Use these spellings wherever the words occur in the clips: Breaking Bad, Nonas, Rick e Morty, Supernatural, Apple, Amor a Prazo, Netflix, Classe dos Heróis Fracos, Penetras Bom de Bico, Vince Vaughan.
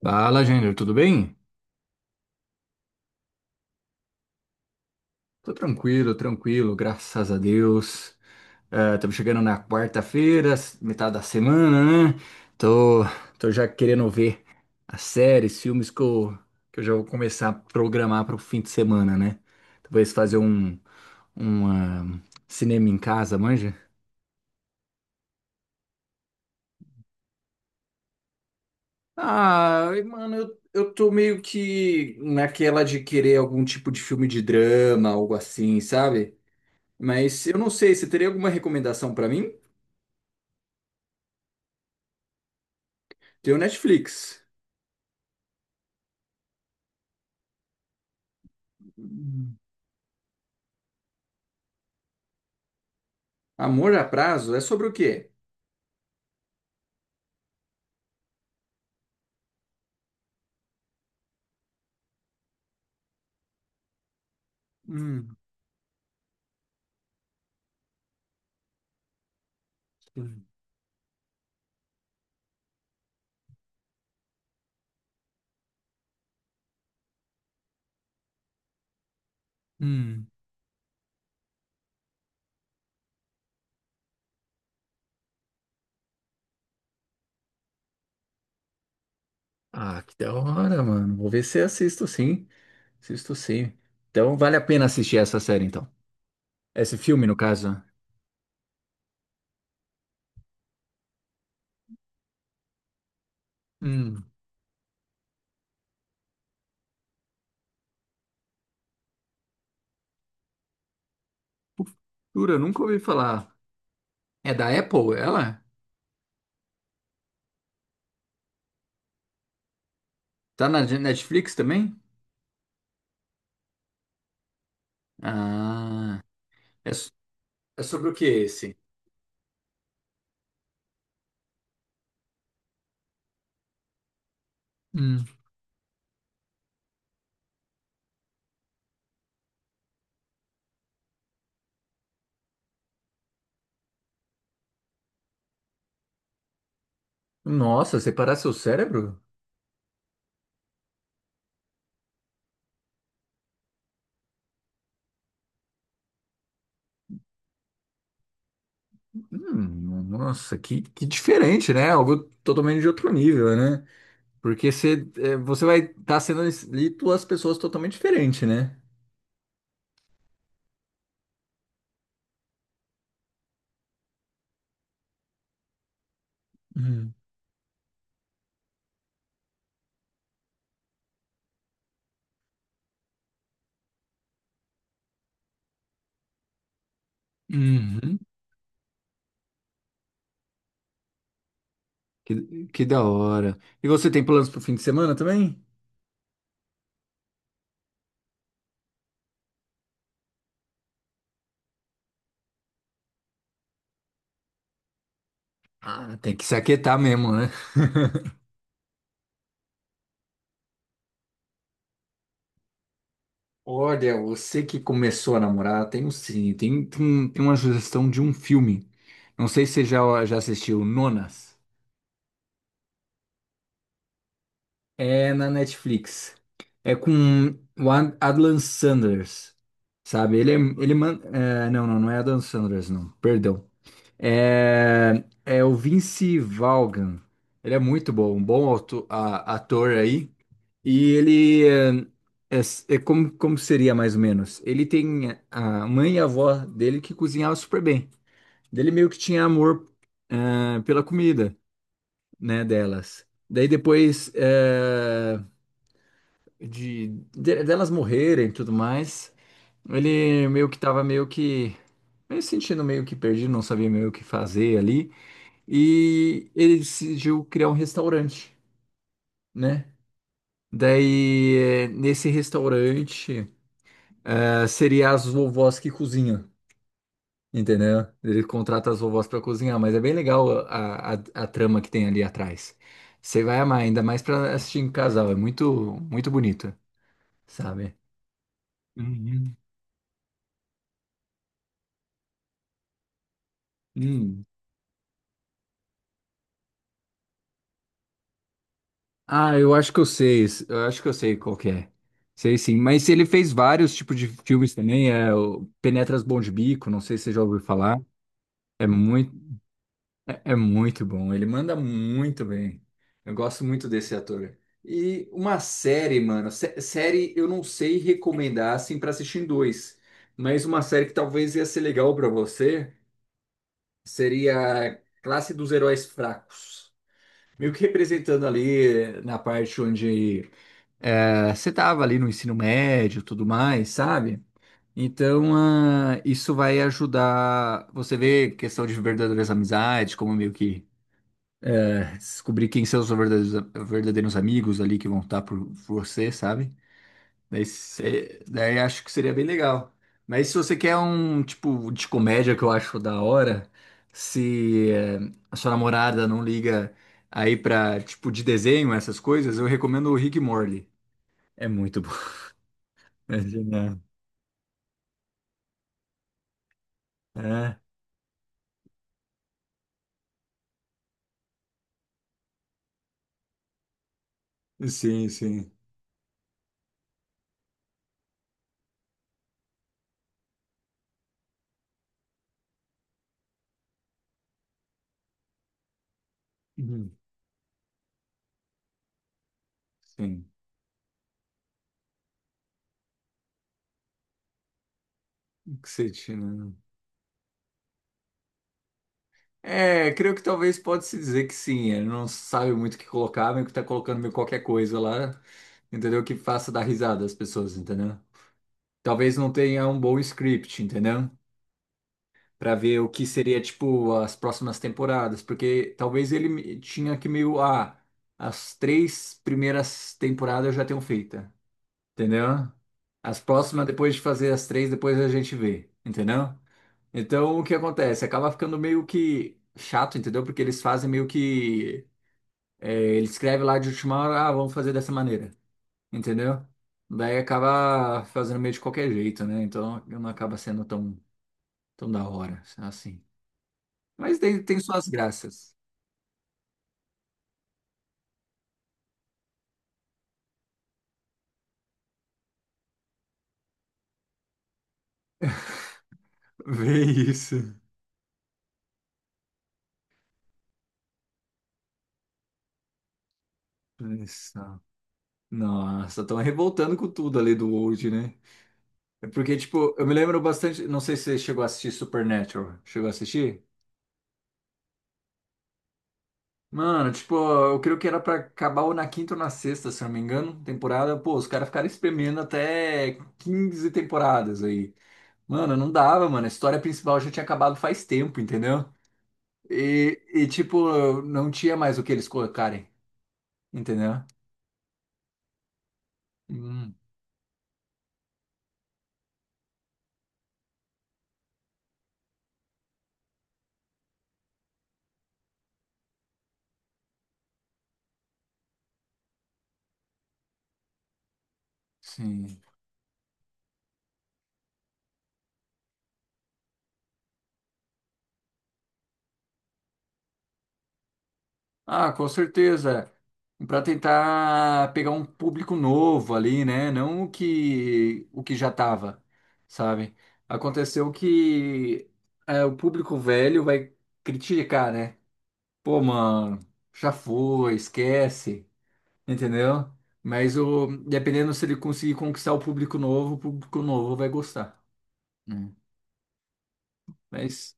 Fala, Júnior, tudo bem? Tô tranquilo, tranquilo, graças a Deus. Estamos chegando na quarta-feira, metade da semana, né? Tô, tô já querendo ver as séries, filmes que eu já vou começar a programar para o fim de semana, né? Talvez fazer um cinema em casa, manja? Ah, e, mano, eu tô meio que naquela de querer algum tipo de filme de drama, algo assim, sabe? Mas eu não sei, você teria alguma recomendação para mim? Tem o Netflix. Hum. Amor a Prazo é sobre o quê? Hum, hum. Hum. Ah, que da hora, mano. Vou ver se assisto sim. Assisto sim. Então vale a pena assistir essa série, então. Esse filme, no caso. Hum. Jura, nunca ouvi falar. É da Apple, ela? Tá na Netflix também? Ah, é, so- é sobre o que esse? Hum. Nossa, separar seu cérebro? Nossa, que diferente, né? Algo totalmente de outro nível, né? Porque você, é, você vai estar sendo ali duas pessoas totalmente diferentes, né? Hum. Uhum. Que da hora. E você tem planos pro fim de semana também? Ah, tem que se aquietar mesmo, né? Olha, você que começou a namorar, tem um sim, tem uma sugestão de um filme. Não sei se você já assistiu Nonas. É na Netflix. É com o Adlan Sanders, sabe? Ele é, ele man, é, não, não, não é Adlan Sanders, não. Perdão. É, é o Vince Vaughan. Ele é muito bom, um bom ator aí. E ele é- é como seria mais ou menos? Ele tem a mãe e a avó dele que cozinhavam super bem. Dele meio que tinha amor pela comida, né, delas. Daí depois delas morrerem e tudo mais. Ele meio que tava meio que meio se sentindo meio que perdido, não sabia meio o que fazer ali, e ele decidiu criar um restaurante, né? Daí, nesse restaurante, seria as vovós que cozinham, entendeu? Ele contrata as vovós para cozinhar, mas é bem legal a trama que tem ali atrás. Você vai amar, ainda mais para assistir em casal, é muito, muito bonito, sabe? Uhum. Hum. Ah, eu acho que eu sei, eu acho que eu sei qual que é. Sei sim, mas ele fez vários tipos de filmes também, é o Penetras Bom de Bico, não sei se você já ouviu falar. É muito, é muito bom, ele manda muito bem. Eu gosto muito desse ator. E uma série, mano, série eu não sei recomendar assim pra assistir em dois, mas uma série que talvez ia ser legal pra você seria Classe dos Heróis Fracos. Meio que representando ali na parte onde você tava ali no ensino médio, tudo mais, sabe? Então, isso vai ajudar você ver questão de verdadeiras amizades, como meio que descobrir quem são os verdadeiros, verdadeiros amigos ali que vão estar por você, sabe? Daí, daí acho que seria bem legal. Mas se você quer um tipo de comédia que eu acho da hora, se a sua namorada não liga aí pra tipo de desenho, essas coisas, eu recomendo o Rick e Morty. É muito bom. É genial. É, sim, sim. Uhum. Sim, que você tinha, né? É, creio que talvez pode se dizer que sim. Ele não sabe muito o que colocar, meio que tá colocando meio qualquer coisa lá, entendeu? Que faça dar risada às pessoas, entendeu? Talvez não tenha um bom script, entendeu? Pra ver o que seria, tipo, as próximas temporadas, porque talvez ele tinha que meio, as três primeiras temporadas eu já tenho feita, entendeu? As próximas, depois de fazer as três, depois a gente vê, entendeu? Então, o que acontece? Acaba ficando meio que chato, entendeu? Porque eles fazem meio que. É, ele escreve lá de última hora, vamos fazer dessa maneira, entendeu? Daí acaba fazendo meio de qualquer jeito, né? Então não acaba sendo tão, tão da hora, assim. Mas tem suas graças. Vê isso. Isso. Nossa, estão revoltando com tudo ali do Old, né? É porque, tipo, eu me lembro bastante. Não sei se você chegou a assistir Supernatural. Chegou a assistir? Mano, tipo, eu creio que era pra acabar ou na quinta ou na sexta, se eu não me engano, temporada. Pô, os caras ficaram espremendo até 15 temporadas aí. Mano, não dava, mano. A história principal já tinha acabado faz tempo, entendeu? E tipo, não tinha mais o que eles colocarem, entendeu? Hum. Sim. Ah, com certeza. Para tentar pegar um público novo ali, né? Não o que já tava, sabe? Aconteceu que o público velho vai criticar, né? Pô, mano, já foi, esquece, entendeu? Mas o dependendo se ele conseguir conquistar o público novo vai gostar. Hum. Mas.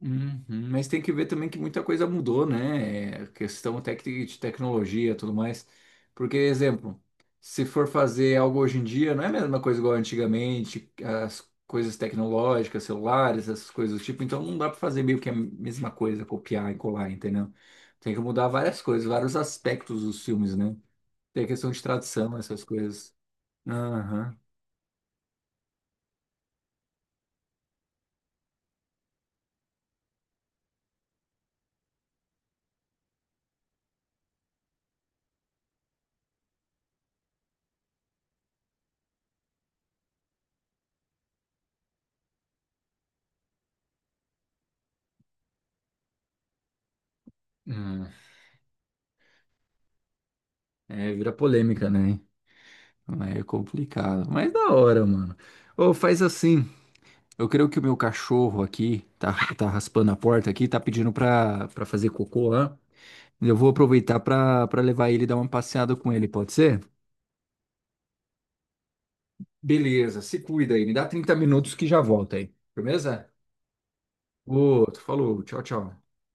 Uhum. Mas tem que ver também que muita coisa mudou, né? Questão de tecnologia e tudo mais. Porque, exemplo, se for fazer algo hoje em dia, não é a mesma coisa igual antigamente, as coisas tecnológicas, celulares, essas coisas do tipo. Então não dá para fazer meio que a mesma coisa, copiar e colar, entendeu? Tem que mudar várias coisas, vários aspectos dos filmes, né? Tem a questão de tradução, essas coisas. Aham. Hum. É, vira polêmica, né? É complicado. Mas da hora, mano. Ou faz assim. Eu creio que o meu cachorro aqui tá raspando a porta aqui, tá pedindo pra fazer cocô lá. Eu vou aproveitar pra levar ele e dar uma passeada com ele, pode ser? Beleza, se cuida aí. Me dá 30 minutos que já volta aí. Firmeza? Outro, falou, tchau, tchau.